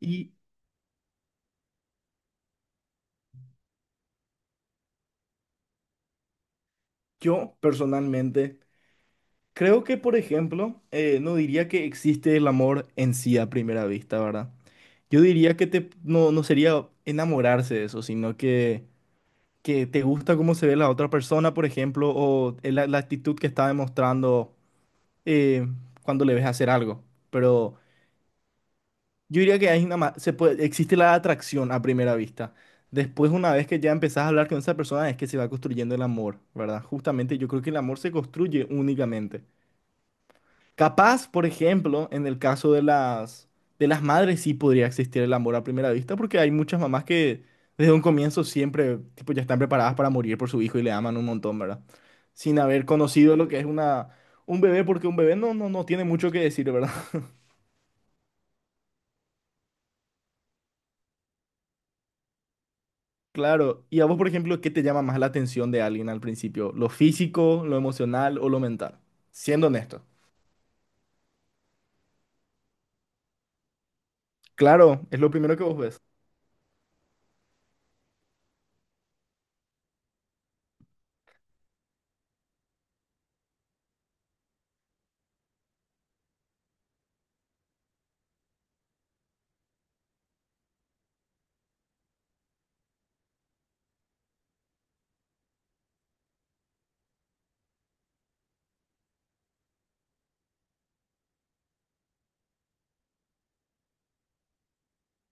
Y yo personalmente creo que, por ejemplo, no diría que existe el amor en sí a primera vista, ¿verdad? Yo diría que te, no, no sería enamorarse de eso, sino que te gusta cómo se ve la otra persona, por ejemplo, o la actitud que está demostrando eh, cuando le ves hacer algo. Pero yo diría que hay se puede, existe la atracción a primera vista. Después, una vez que ya empezás a hablar con esa persona, es que se va construyendo el amor, ¿verdad? Justamente yo creo que el amor se construye únicamente. Capaz, por ejemplo, en el caso de las madres sí podría existir el amor a primera vista, porque hay muchas mamás que desde un comienzo siempre tipo, ya están preparadas para morir por su hijo y le aman un montón, ¿verdad? Sin haber conocido lo que es una, un bebé, porque un bebé no tiene mucho que decir, ¿verdad? Claro. ¿Y a vos, por ejemplo, qué te llama más la atención de alguien al principio? ¿Lo físico, lo emocional o lo mental? Siendo honesto. Claro, es lo primero que vos ves.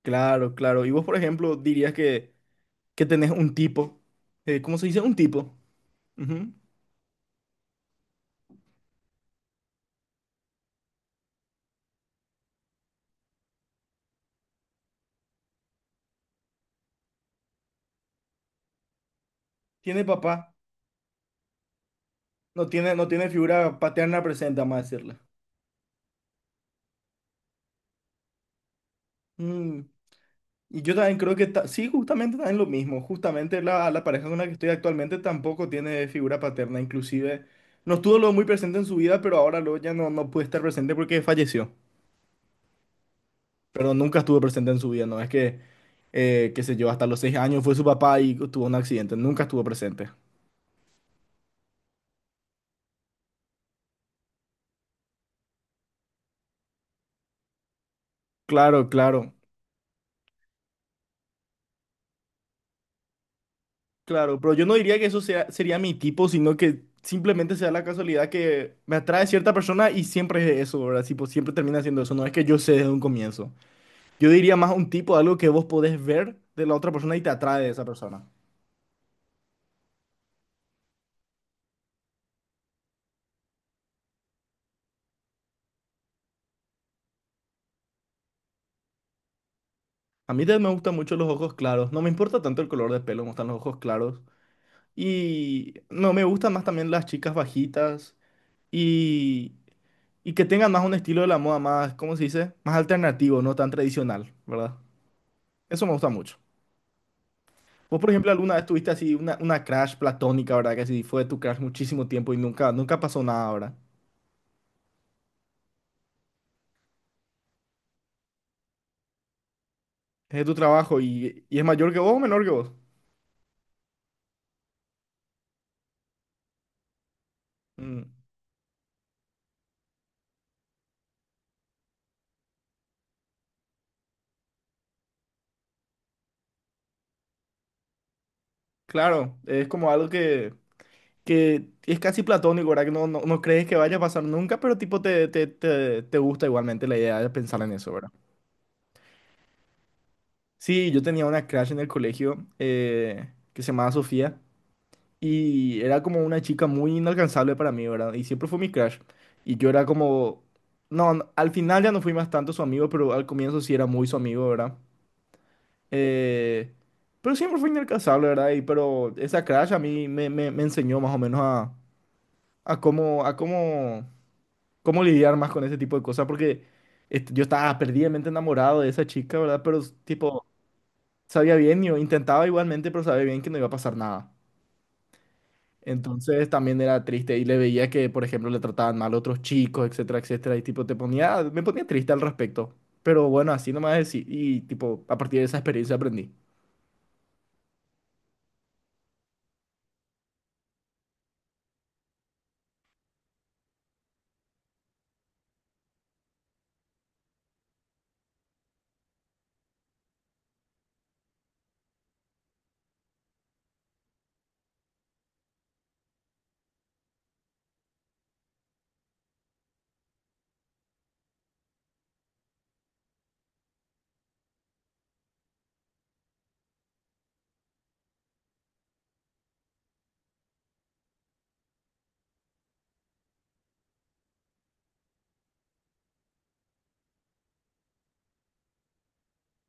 Claro, claro. ¿Y vos, por ejemplo, dirías que tenés un tipo, ¿cómo se dice? Un tipo. Ujú. Tiene papá, no tiene figura paterna presente, vamos a decirle. Mm. Y yo también creo que sí, justamente también lo mismo. Justamente la pareja con la que estoy actualmente tampoco tiene figura paterna. Inclusive no estuvo luego muy presente en su vida, pero ahora luego ya no puede estar presente porque falleció. Pero nunca estuvo presente en su vida, no es que, qué sé yo, hasta los 6 años fue su papá y tuvo un accidente. Nunca estuvo presente. Claro, claro. Claro, pero yo no diría que eso sea, sería mi tipo, sino que simplemente sea la casualidad que me atrae cierta persona y siempre es eso, ¿verdad? Tipo, siempre termina siendo eso, no es que yo sé desde un comienzo. Yo diría más un tipo, algo que vos podés ver de la otra persona y te atrae de esa persona. A mí también me gustan mucho los ojos claros, no me importa tanto el color de pelo, me gustan los ojos claros. Y no, me gustan más también las chicas bajitas y, y que tengan más un estilo de la moda más, ¿cómo se dice? Más alternativo, no tan tradicional, ¿verdad? Eso me gusta mucho. Vos, por ejemplo, alguna vez tuviste así una crush platónica, ¿verdad? Que así fue tu crush muchísimo tiempo y nunca, nunca pasó nada, ¿verdad? Es de tu trabajo y es mayor que vos o menor que vos. Mm, claro, es como algo que es casi platónico, ¿verdad? Que no, no, no crees que vaya a pasar nunca, pero tipo te gusta igualmente la idea de pensar en eso, ¿verdad? Sí, yo tenía una crush en el colegio que se llamaba Sofía. Y era como una chica muy inalcanzable para mí, ¿verdad? Y siempre fue mi crush. Y yo era como... No, no, al final ya no fui más tanto su amigo, pero al comienzo sí era muy su amigo, ¿verdad? Eh, pero siempre fue inalcanzable, ¿verdad? Y pero esa crush a mí me enseñó más o menos a cómo, a cómo, cómo lidiar más con ese tipo de cosas, porque yo estaba perdidamente enamorado de esa chica, ¿verdad? Pero tipo, sabía bien, yo intentaba igualmente, pero sabía bien que no iba a pasar nada. Entonces también era triste y le veía que, por ejemplo, le trataban mal a otros chicos, etcétera, etcétera. Y tipo, te ponía, me ponía triste al respecto. Pero bueno, así nomás decir. Y tipo, a partir de esa experiencia aprendí.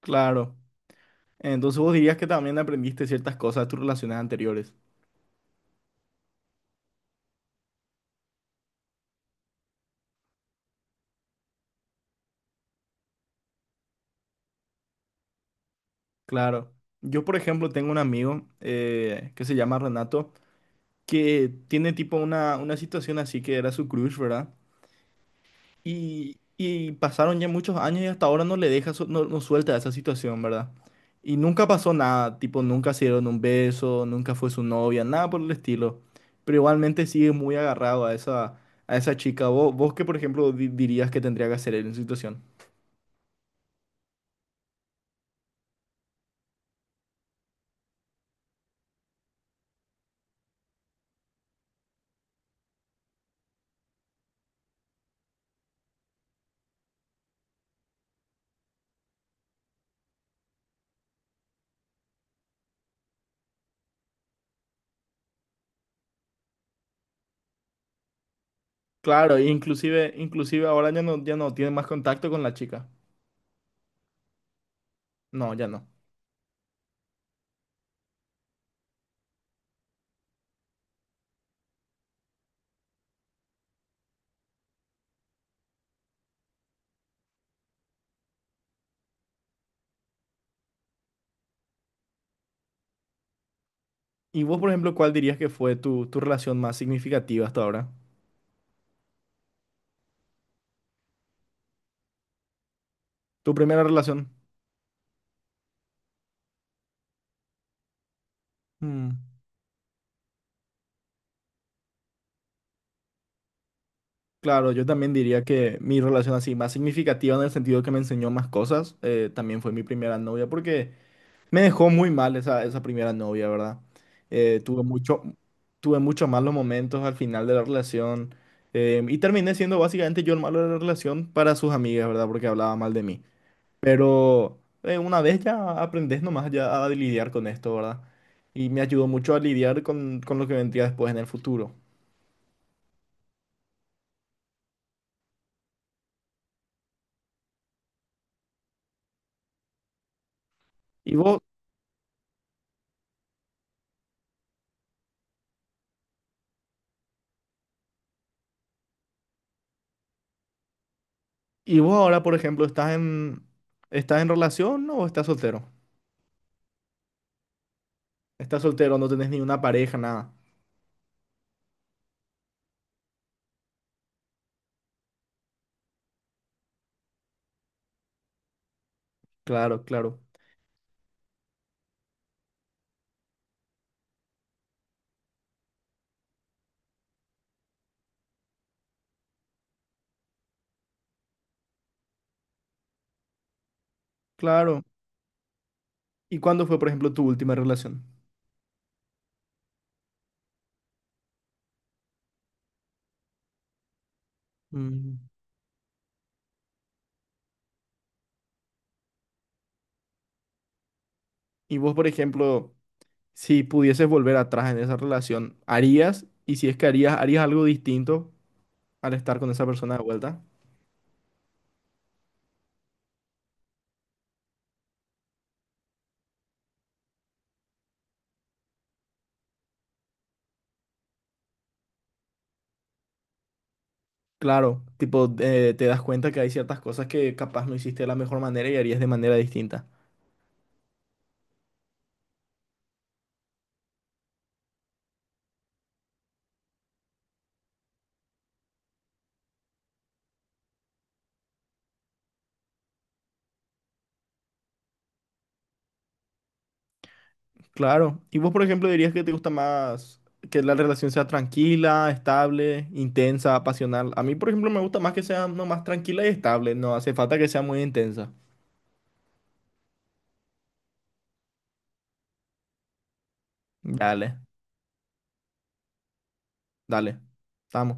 Claro. Entonces vos dirías que también aprendiste ciertas cosas de tus relaciones anteriores. Claro. Yo, por ejemplo, tengo un amigo que se llama Renato, que tiene tipo una situación así que era su crush, ¿verdad? Y pasaron ya muchos años y hasta ahora no le deja, su- no, no suelta esa situación, ¿verdad? Y nunca pasó nada, tipo, nunca se dieron un beso, nunca fue su novia, nada por el estilo. Pero igualmente sigue muy agarrado a a esa chica. ¿Vos qué, por ejemplo, di- dirías que tendría que hacer él en su situación? Claro, inclusive, inclusive ahora ya no tiene más contacto con la chica. No, ya no. ¿Y vos, por ejemplo, cuál dirías que fue tu relación más significativa hasta ahora? ¿Tu primera relación? Mm. Claro, yo también diría que mi relación así más significativa en el sentido que me enseñó más cosas, también fue mi primera novia, porque me dejó muy mal esa primera novia, ¿verdad? Eh, tuve mucho, tuve muchos malos momentos al final de la relación, y terminé siendo básicamente yo el malo de la relación para sus amigas, ¿verdad? Porque hablaba mal de mí. Pero una vez ya aprendes nomás ya a lidiar con esto, ¿verdad? Y me ayudó mucho a lidiar con lo que vendría después en el futuro. ¿Y vos? Y vos ahora, por ejemplo, ¿estás en, relación no, o estás soltero? Estás soltero, no tenés ni una pareja, nada. Claro, claro, claro. ¿Y cuándo fue, por ejemplo, tu última relación? Mm. Y vos, por ejemplo, si pudieses volver atrás en esa relación, ¿harías? Y si es que harías, ¿harías algo distinto al estar con esa persona de vuelta? Claro, tipo, te das cuenta que hay ciertas cosas que capaz no hiciste de la mejor manera y harías de manera distinta. Claro. ¿Y vos, por ejemplo, dirías que te gusta más que la relación sea tranquila, estable, intensa, pasional? A mí, por ejemplo, me gusta más que sea nomás tranquila y estable. No hace falta que sea muy intensa. Dale, dale. Estamos.